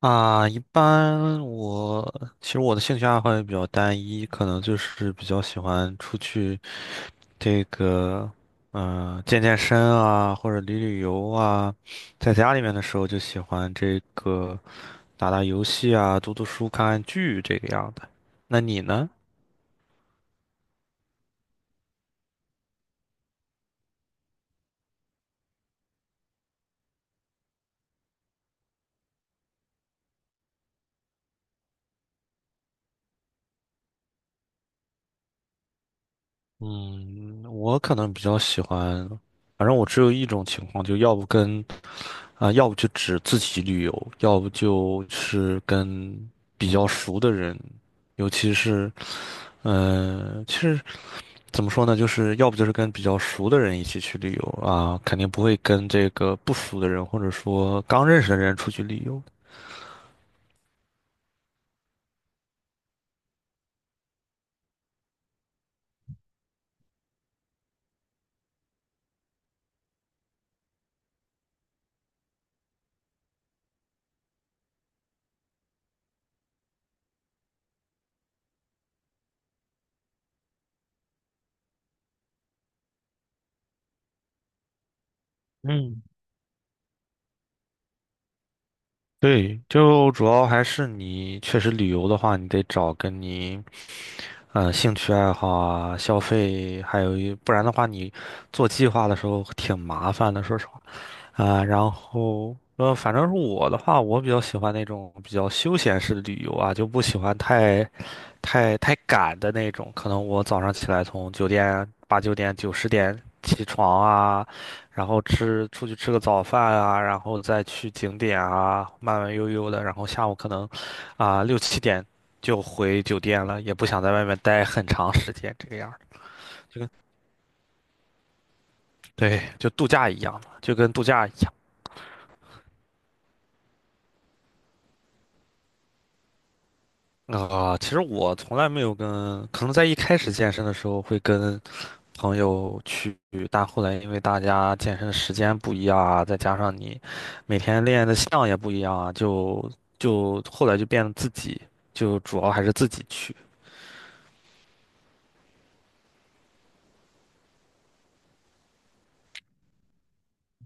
啊，一般我其实我的兴趣爱好也比较单一，可能就是比较喜欢出去这个，健身啊，或者旅游啊。在家里面的时候就喜欢这个打打游戏啊，读读书、看看剧这个样的。那你呢？嗯，我可能比较喜欢，反正我只有一种情况，就要不跟啊，要不就只自己旅游，要不就是跟比较熟的人，尤其是，其实怎么说呢，就是要不就是跟比较熟的人一起去旅游啊，肯定不会跟这个不熟的人或者说刚认识的人出去旅游。嗯对，就主要还是你确实旅游的话，你得找跟你，兴趣爱好啊、消费，还有一，不然的话，你做计划的时候挺麻烦的，说实话。然后反正是我的话，我比较喜欢那种比较休闲式的旅游啊，就不喜欢太赶的那种。可能我早上起来从酒店八九点九十点起床啊，然后出去吃个早饭啊，然后再去景点啊，慢慢悠悠的，然后下午可能六七点就回酒店了，也不想在外面待很长时间这个样儿，就跟对，就度假一样嘛，就跟度假一样。其实我从来没有跟，可能在一开始健身的时候会跟朋友去，但后来因为大家健身的时间不一样啊，再加上你每天练的项也不一样啊，就后来就变得自己，就主要还是自己去。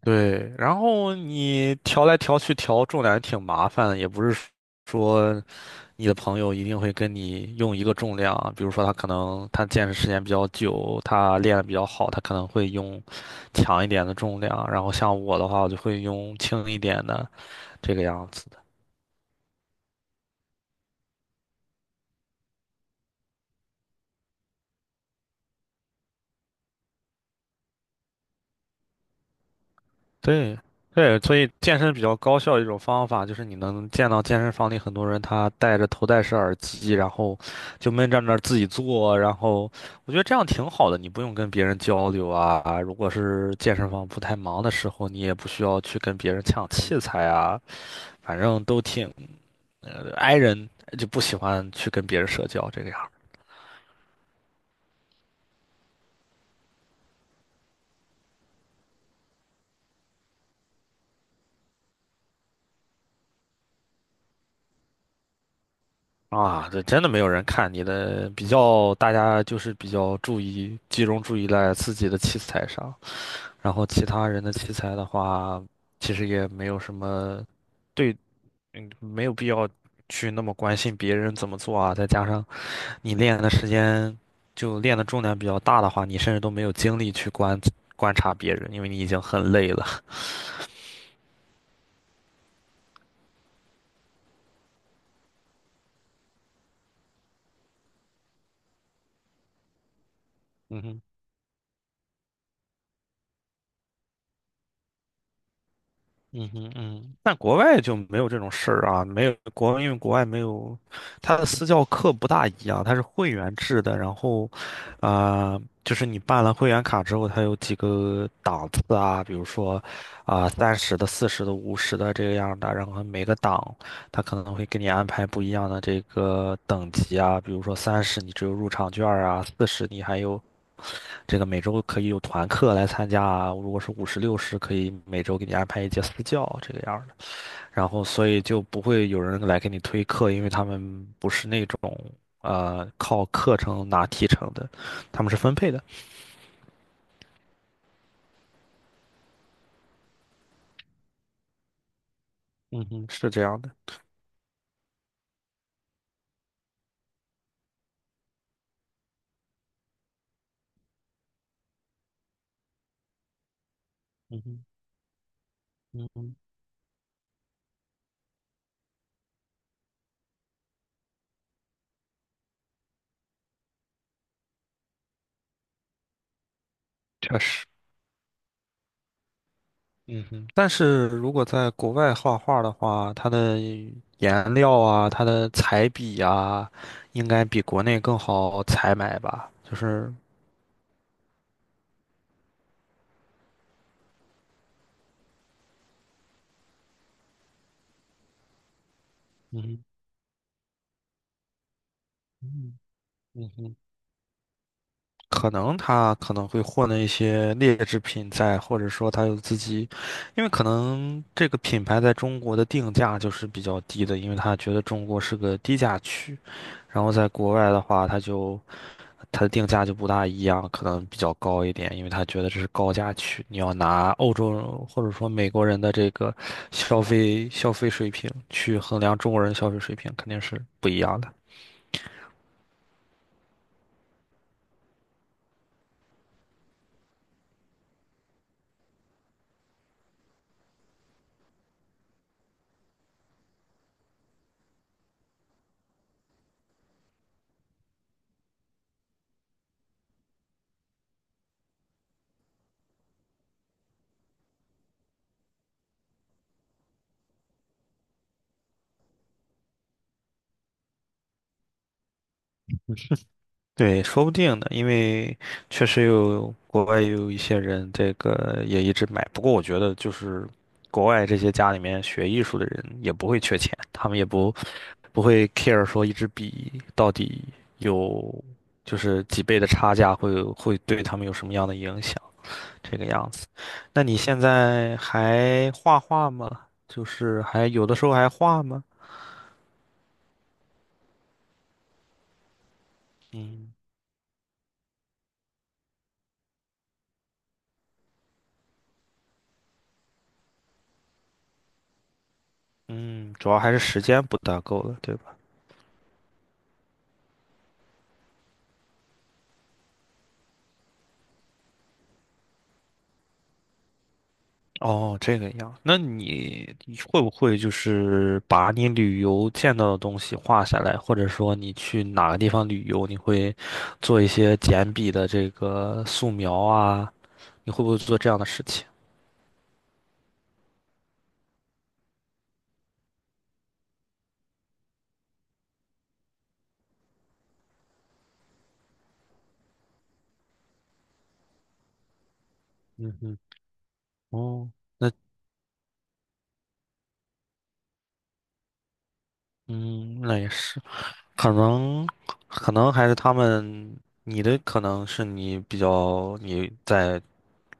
对，然后你调来调去调重量也挺麻烦的，也不是说。你的朋友一定会跟你用一个重量啊比如说他可能他健身时间比较久，他练得比较好，他可能会用强一点的重量，然后像我的话，我就会用轻一点的这个样子。对，对，所以健身比较高效的一种方法就是你能见到健身房里很多人他戴着头戴式耳机，然后就闷在那儿自己做，然后我觉得这样挺好的，你不用跟别人交流啊。如果是健身房不太忙的时候，你也不需要去跟别人抢器材啊。反正都挺 i 人，就不喜欢去跟别人社交这个样儿啊。这真的没有人看你的，比较大家就是比较注意集中注意在自己的器材上，然后其他人的器材的话，其实也没有什么。对，没有必要去那么关心别人怎么做啊。再加上你练的时间就练的重量比较大的话，你甚至都没有精力去观察别人，因为你已经很累了。嗯哼。嗯哼嗯，但国外就没有这种事儿啊，没有国，因为国外没有，它的私教课不大一样，它是会员制的，然后，就是你办了会员卡之后，它有几个档次啊，比如说，三十的、四十的、五十的这个样的，然后每个档它可能会给你安排不一样的这个等级啊，比如说三十你只有入场券儿啊，四十你还有。这个每周可以有团课来参加啊，如果是50、60，可以每周给你安排一节私教这个样儿的。然后，所以就不会有人来给你推课，因为他们不是那种靠课程拿提成的，他们是分配的。嗯哼，是这样的。嗯哼，嗯哼，确实。嗯哼，但是如果在国外画画的话，它的颜料啊，它的彩笔啊，应该比国内更好采买吧？就是，嗯哼嗯哼，嗯哼。可能他可能会混了一些劣质品在，或者说他有自己，因为可能这个品牌在中国的定价就是比较低的，因为他觉得中国是个低价区，然后在国外的话，他就他的定价就不大一样，可能比较高一点，因为他觉得这是高价区，你要拿欧洲人或者说美国人的这个消费水平去衡量中国人消费水平，肯定是不一样的。对，说不定呢，因为确实有国外有一些人，这个也一直买。不过我觉得，就是国外这些家里面学艺术的人也不会缺钱，他们也不会 care 说一支笔到底有就是几倍的差价会对他们有什么样的影响，这个样子。那你现在还画画吗？就是还有的时候还画吗？嗯嗯，主要还是时间不大够了，对吧？哦，这个样。那你会不会就是把你旅游见到的东西画下来，或者说你去哪个地方旅游，你会做一些简笔的这个素描啊？你会不会做这样的事情？嗯哼，哦，那嗯，那也是，可能可能还是他们，你的可能是你比较你在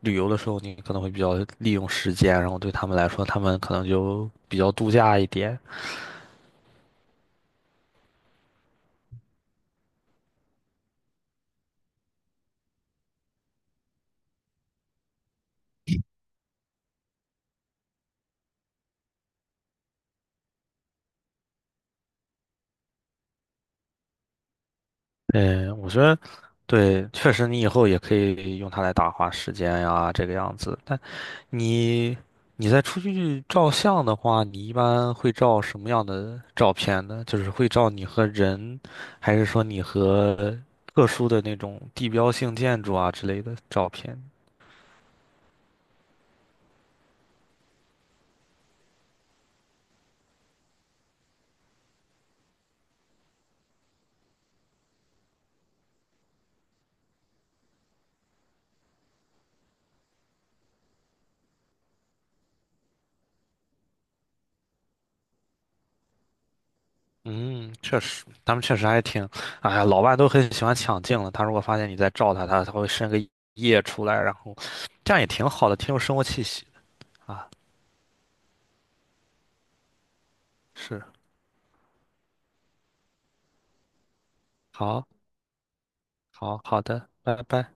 旅游的时候，你可能会比较利用时间，然后对他们来说，他们可能就比较度假一点。嗯，我觉得对，确实你以后也可以用它来打发时间呀，这个样子。但你你在出去照相的话，你一般会照什么样的照片呢？就是会照你和人，还是说你和特殊的那种地标性建筑啊之类的照片？嗯，确实，他们确实还挺，哎呀，老外都很喜欢抢镜了。他如果发现你在照他，他会伸个叶出来，然后这样也挺好的，挺有生活气息的啊。是。好，好，好的，拜拜。